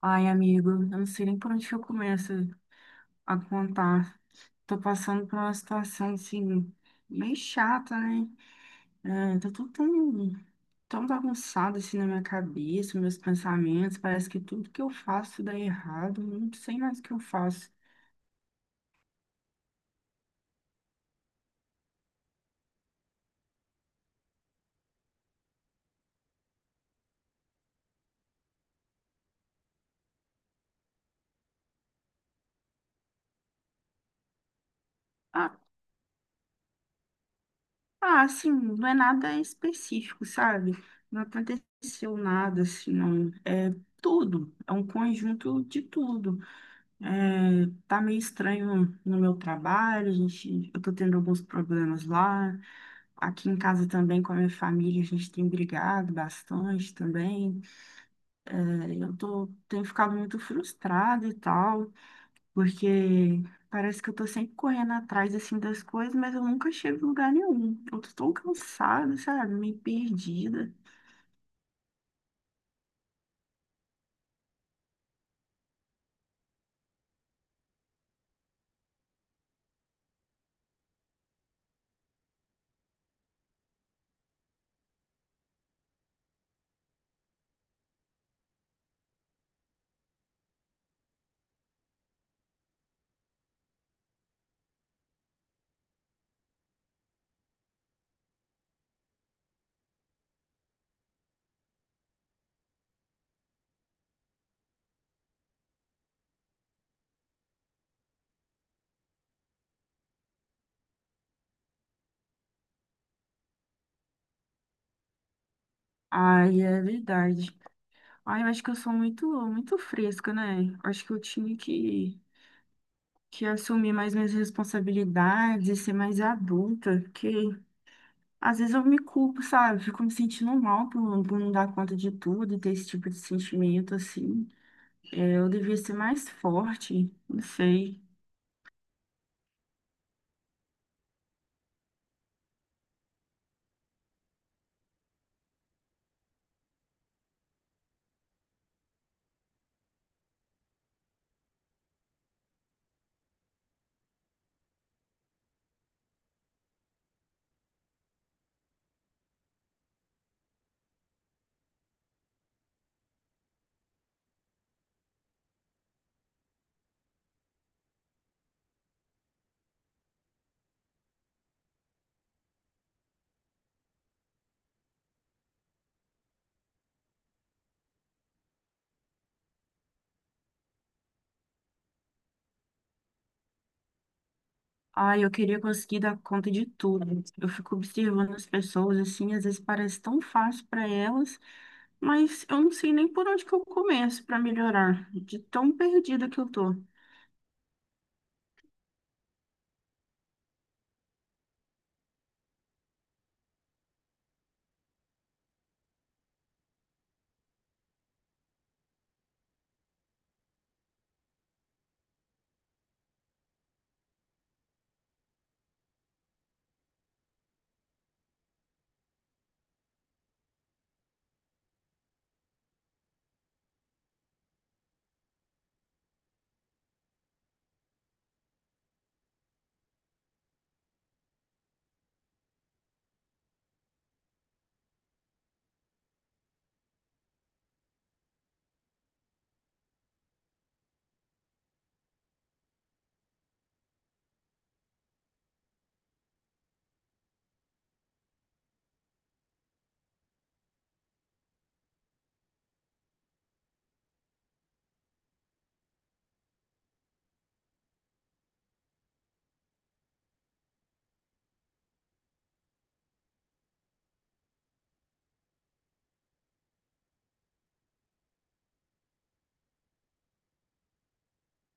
Ai, amigo, eu não sei nem por onde que eu começo a contar. Tô passando por uma situação, assim, bem chata, né? Tá tudo tão bagunçado, assim, na minha cabeça, meus pensamentos. Parece que tudo que eu faço dá errado. Eu Não sei mais o que eu faço. Ah, assim, não é nada específico, sabe? Não aconteceu nada, assim, não. É tudo. É um conjunto de tudo. É, tá meio estranho no meu trabalho, eu tô tendo alguns problemas lá. Aqui em casa também com a minha família, a gente tem brigado bastante também. É, tenho ficado muito frustrada e tal, porque parece que eu tô sempre correndo atrás assim das coisas, mas eu nunca chego em lugar nenhum. Eu tô tão cansada, sabe? Meio perdida. Ai, é verdade. Ai, eu acho que eu sou muito, muito fresca, né? Acho que eu tinha que assumir mais minhas responsabilidades, ser mais adulta, porque às vezes eu me culpo, sabe? Fico me sentindo mal por não dar conta de tudo e ter esse tipo de sentimento, assim. É, eu devia ser mais forte, não sei. Ai, eu queria conseguir dar conta de tudo. Eu fico observando as pessoas, assim, às vezes parece tão fácil para elas, mas eu não sei nem por onde que eu começo para melhorar, de tão perdida que eu tô.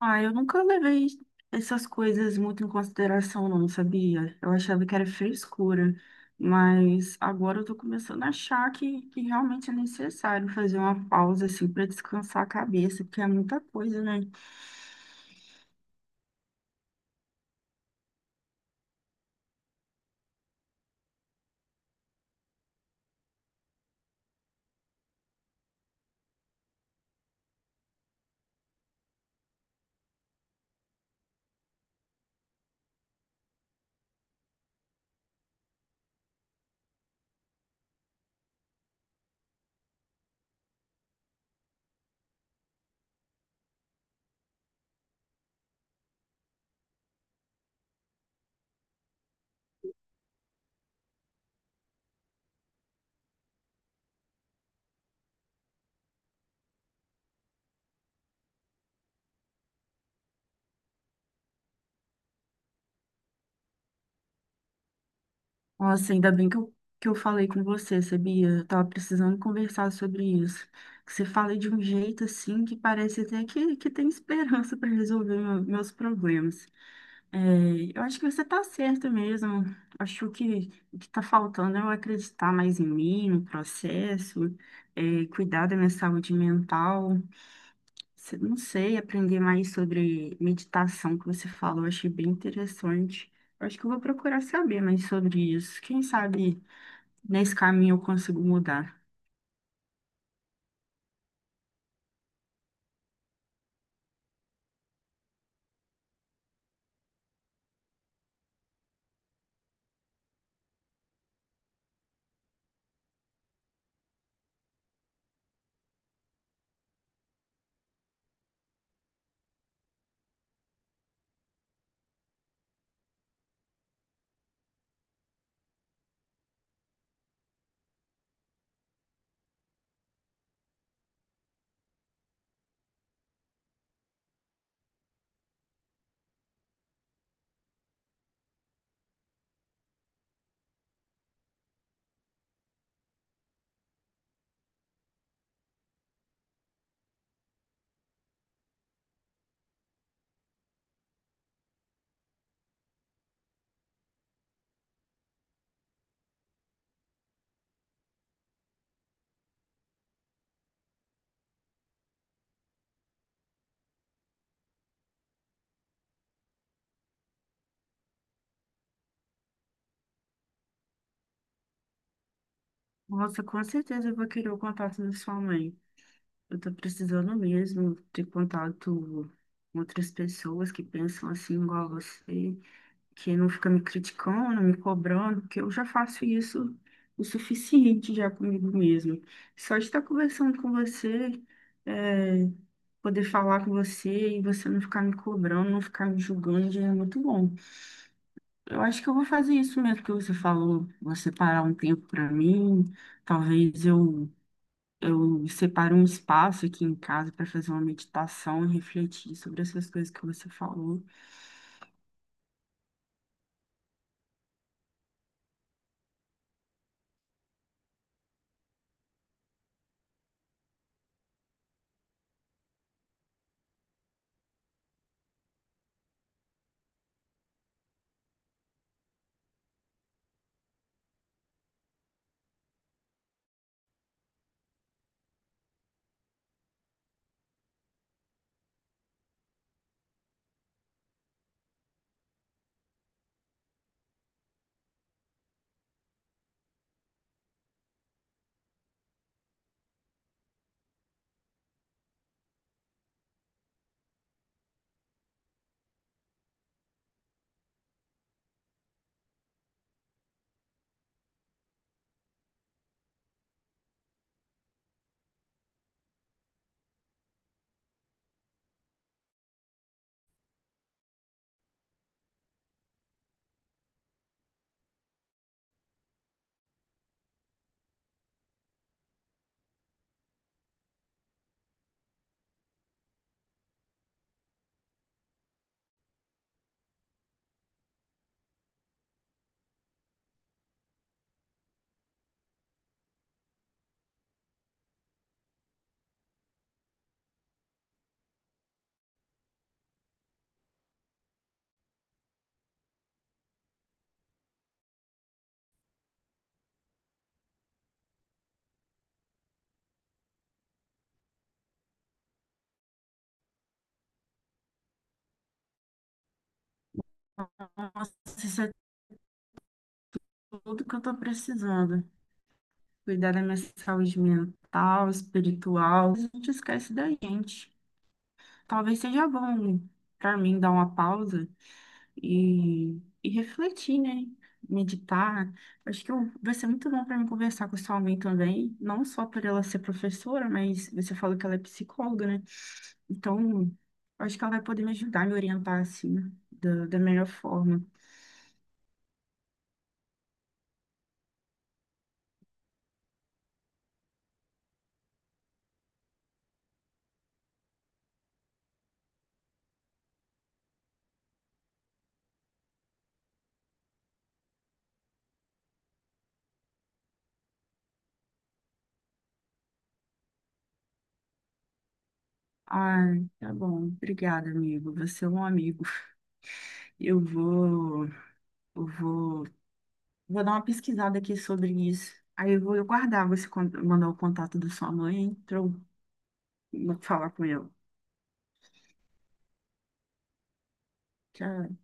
Ah, eu nunca levei essas coisas muito em consideração, não, sabia? Eu achava que era frescura, mas agora eu tô começando a achar que realmente é necessário fazer uma pausa, assim, para descansar a cabeça, porque é muita coisa, né? Nossa, ainda bem que eu falei com você, sabia? Eu tava precisando conversar sobre isso. Que você fala de um jeito, assim, que parece até que tem esperança para resolver meus problemas. É, eu acho que você está certo mesmo. Acho que o que está faltando é eu acreditar mais em mim, no processo, cuidar da minha saúde mental. Não sei, aprender mais sobre meditação que você falou, achei bem interessante. Acho que eu vou procurar saber mais sobre isso. Quem sabe nesse caminho eu consigo mudar. Nossa, com certeza eu vou querer o contato da sua mãe. Eu estou precisando mesmo ter contato com outras pessoas que pensam assim igual a você, que não fica me criticando, me cobrando, porque eu já faço isso o suficiente já comigo mesmo. Só de estar conversando com você, é, poder falar com você e você não ficar me cobrando, não ficar me julgando, já é muito bom. Eu acho que eu vou fazer isso mesmo que você falou, vou separar um tempo para mim, talvez eu eu separe um espaço aqui em casa para fazer uma meditação e refletir sobre essas coisas que você falou. Nossa, isso é tudo que eu estou precisando, cuidar da minha saúde mental, espiritual. A gente esquece da gente. Talvez seja bom para mim dar uma pausa e refletir, né? Meditar. Acho que vai ser muito bom para mim conversar com sua mãe também, não só por ela ser professora, mas você falou que ela é psicóloga, né? Então, acho que ela vai poder me ajudar, me orientar assim, da melhor forma. Ai, tá bom. Obrigada, amigo. Você é um amigo. Eu vou, eu vou Vou dar uma pesquisada aqui sobre isso. Aí eu vou guardar, você mandar o contato da sua mãe, pra eu falar com ela. Tchau.